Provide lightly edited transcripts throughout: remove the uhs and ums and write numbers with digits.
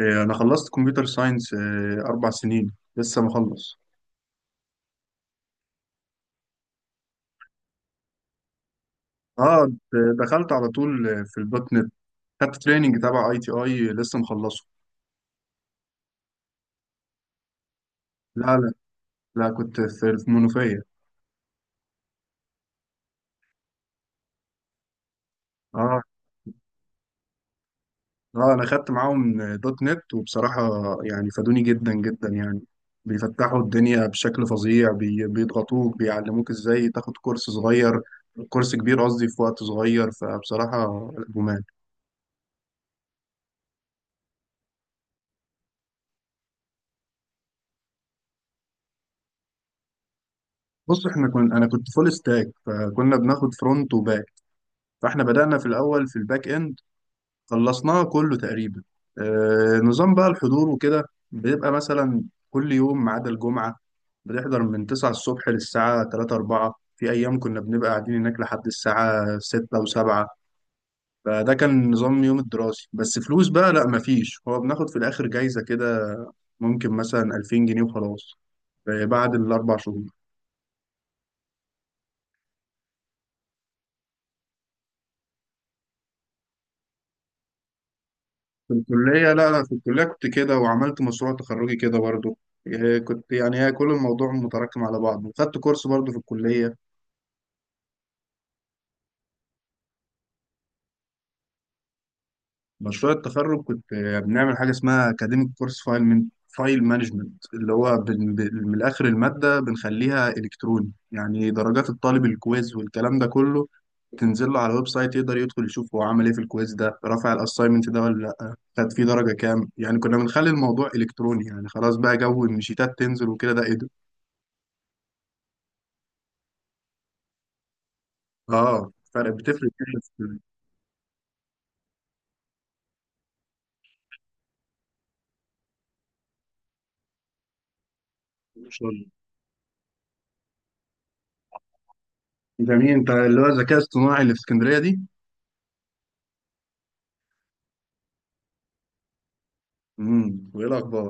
إيه، انا خلصت كمبيوتر ساينس 4 سنين. لسه مخلص. اه، دخلت على طول في الدوت نت. خدت تريننج تبع اي تي اي، لسه مخلصه. لا، لا، لا كنت في منوفيه. اه، اه، انا خدت معاهم دوت نت. وبصراحه يعني فادوني جدا جدا، يعني بيفتحوا الدنيا بشكل فظيع. بيضغطوك، بيعلموك ازاي تاخد كورس صغير، كورس كبير قصدي، في وقت صغير. فبصراحه جمال. بص، احنا كنا انا كنت فول ستاك، فكنا بناخد فرونت وباك. فاحنا بدأنا في الأول في الباك إند، خلصناه كله تقريبا. نظام بقى الحضور وكده، بيبقى مثلا كل يوم ما عدا الجمعة بنحضر من 9 الصبح للساعة 3 4. في أيام كنا بنبقى قاعدين هناك لحد الساعة 6 و7. فده كان نظام يوم الدراسي. بس فلوس بقى لا، مفيش، هو بناخد في الآخر جايزة كده، ممكن مثلا 2000 جنيه وخلاص. بعد الأربع شهور. في الكلية، لا، لا، في الكلية كنت كده، وعملت مشروع تخرجي كده برضو. كنت، يعني هي كل الموضوع متراكم على بعضه، وخدت كورس برضو في الكلية. مشروع التخرج كنت بنعمل حاجة اسمها أكاديميك كورس فايل من فايل مانجمنت، اللي هو من الآخر المادة بنخليها إلكتروني. يعني درجات الطالب، الكويز والكلام ده كله، تنزل له على الويب سايت، يقدر يدخل يشوف هو عمل ايه في الكويز ده، رفع الاساينمنت ده ولا لا، خد فيه درجة كام. يعني كنا بنخلي الموضوع إلكتروني، يعني خلاص بقى جو إن شيتات تنزل وكده ده. اه، فرق بتفرق جدا في الشغل. جميل، انت اللي هو الذكاء الصناعي اللي في اسكندريه دي. وايه الاخبار؟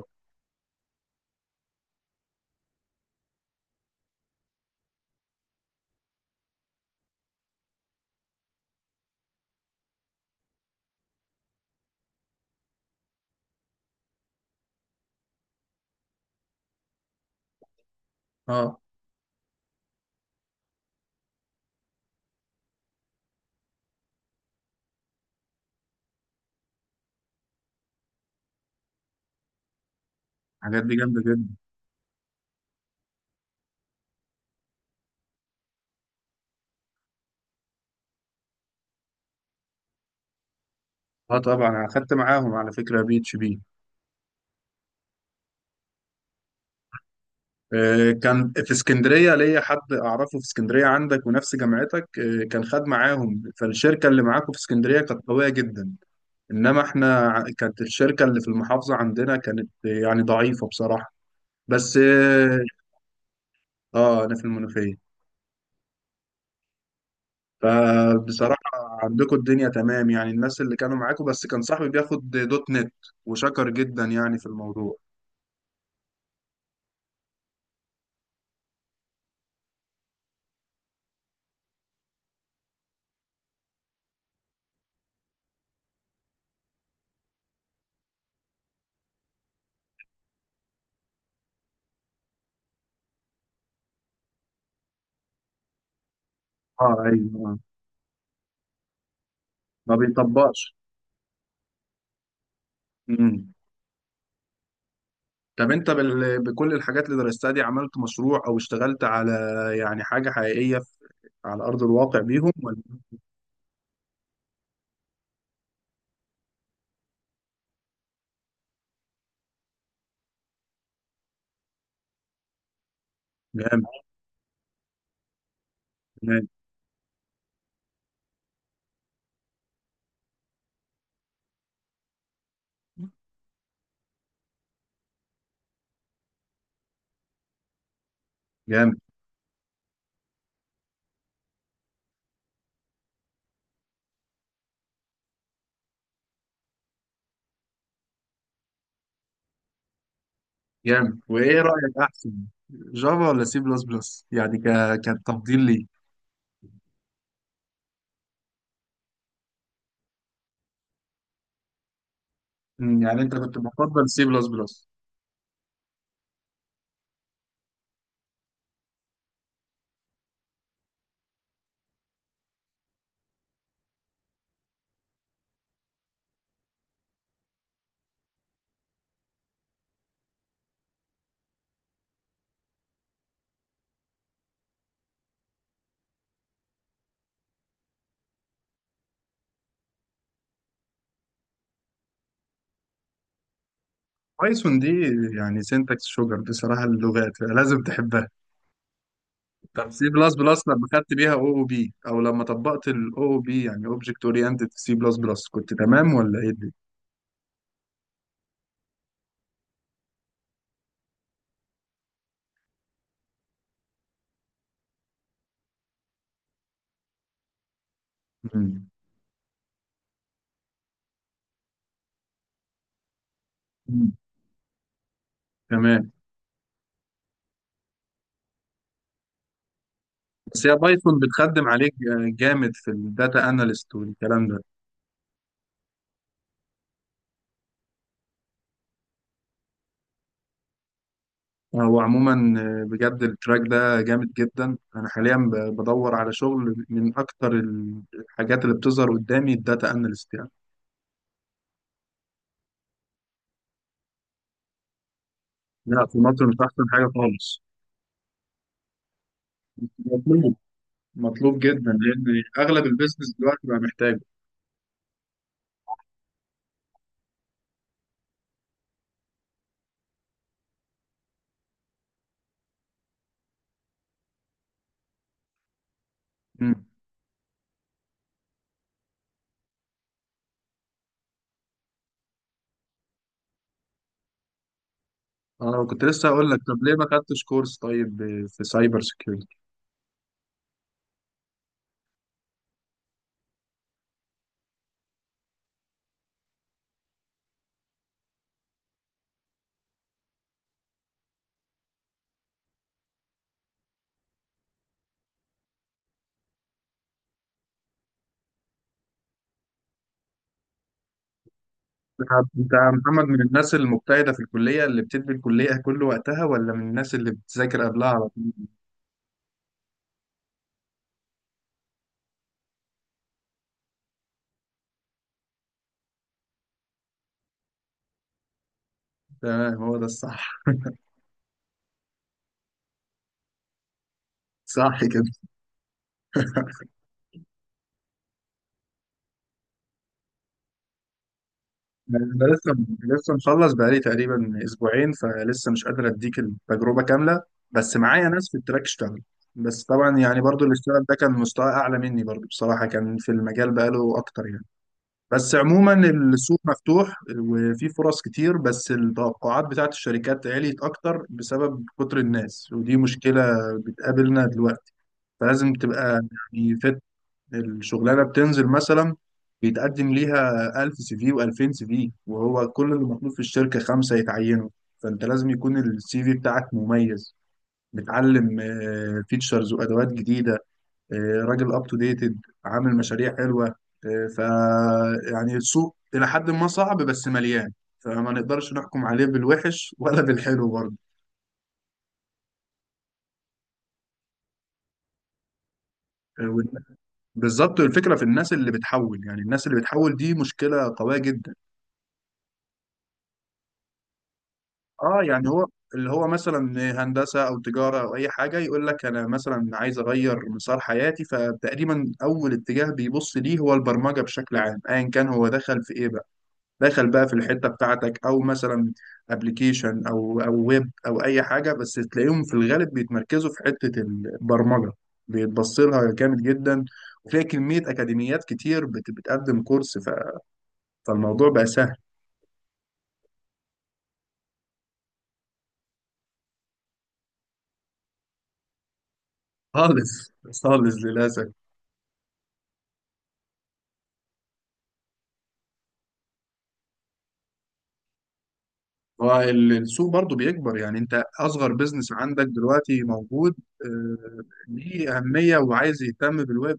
اه، الحاجات دي جامده جدا. اه، طبعا انا اخدت معاهم على فكره بي اتش بي. آه كان في اسكندريه ليا حد اعرفه، في اسكندريه عندك ونفس جامعتك، آه كان خد معاهم، فالشركه اللي معاكم في اسكندريه كانت قويه جدا. انما احنا، كانت الشركه اللي في المحافظه عندنا كانت يعني ضعيفه بصراحه. بس اه. آه، انا في المنوفيه. فبصراحة عندكم الدنيا تمام، يعني الناس اللي كانوا معاكم. بس كان صاحبي بياخد دوت نت، وشكر جدا يعني في الموضوع. اه، ايوه، آه. ما بيطبقش. امم طب انت بكل الحاجات اللي درستها دي، عملت مشروع او اشتغلت على يعني حاجة حقيقية على أرض الواقع بيهم، ولا؟ جامد. جامد. جامد. جامد. وايه رأيك احسن، جافا ولا سي بلس بلس؟ يعني كتفضيل لي، يعني انت كنت بتفضل سي بلس بلس؟ بايثون دي يعني سينتاكس شوجر بصراحة، اللغات لازم تحبها. طب سي بلس بلس، لما خدت بيها او او بي، او لما طبقت الاو او بي، يعني اوبجكت اورينتد سي بلس بلس، كنت تمام ولا ايه دي؟ مم. مم. تمام. بس هي بايثون بتخدم عليك جامد في الداتا اناليست والكلام ده. هو عموما، بجد التراك ده جامد جدا. انا حاليا بدور على شغل، من اكتر الحاجات اللي بتظهر قدامي الداتا اناليست. يعني لا، في مصر مش احسن حاجة خالص. مطلوب جدا لان اغلب البيزنس دلوقتي بقى محتاجه. مم. انا كنت لسه اقول لك، طب ليه ما خدتش كورس طيب في سايبر سيكيورتي؟ انت يا محمد من الناس المجتهده في الكليه اللي بتدي الكليه كل وقتها، ولا من الناس اللي بتذاكر قبلها على طول؟ تمام، هو ده الصح. صح كده. انا لسه مخلص بقالي تقريبا اسبوعين، فلسه مش قادر اديك التجربه كامله. بس معايا ناس في التراك اشتغل. بس طبعا يعني برضو اللي اشتغل ده كان مستوى اعلى مني برضو بصراحه، كان في المجال بقاله اكتر يعني. بس عموما السوق مفتوح وفي فرص كتير، بس التوقعات بتاعت الشركات عليت أكتر بسبب كتر الناس، ودي مشكلة بتقابلنا دلوقتي. فلازم تبقى، يعني الشغلانة بتنزل مثلا، بيتقدم ليها 1000 سي في و2000 سي في، وهو كل اللي مطلوب في الشركة خمسة يتعينوا. فأنت لازم يكون السي في بتاعك مميز، بتعلم فيتشرز وأدوات جديدة، آه، راجل اب تو ديتد، عامل مشاريع حلوه. آه، ف يعني السوق الى حد ما صعب بس مليان، فما نقدرش نحكم عليه بالوحش ولا بالحلو برضه. آه، وال- بالظبط، الفكره في الناس اللي بتحول، يعني الناس اللي بتحول دي مشكله قويه جدا. اه، يعني هو اللي هو مثلا هندسه او تجاره او اي حاجه، يقول لك انا مثلا عايز اغير مسار حياتي، فتقريبا اول اتجاه بيبص ليه هو البرمجه بشكل عام، ايا كان هو دخل في ايه بقى. دخل بقى في الحته بتاعتك، او مثلا ابلكيشن او ويب او اي حاجه، بس تلاقيهم في الغالب بيتمركزوا في حته البرمجه، بيتبص لها جامد جدا، وفيها كميه اكاديميات كتير بتقدم كورس. فالموضوع بقى سهل. خالص، خالص للاسف. والسوق برضو بيكبر، يعني انت اصغر بيزنس عندك دلوقتي موجود، ليه اهميه وعايز يهتم بالويب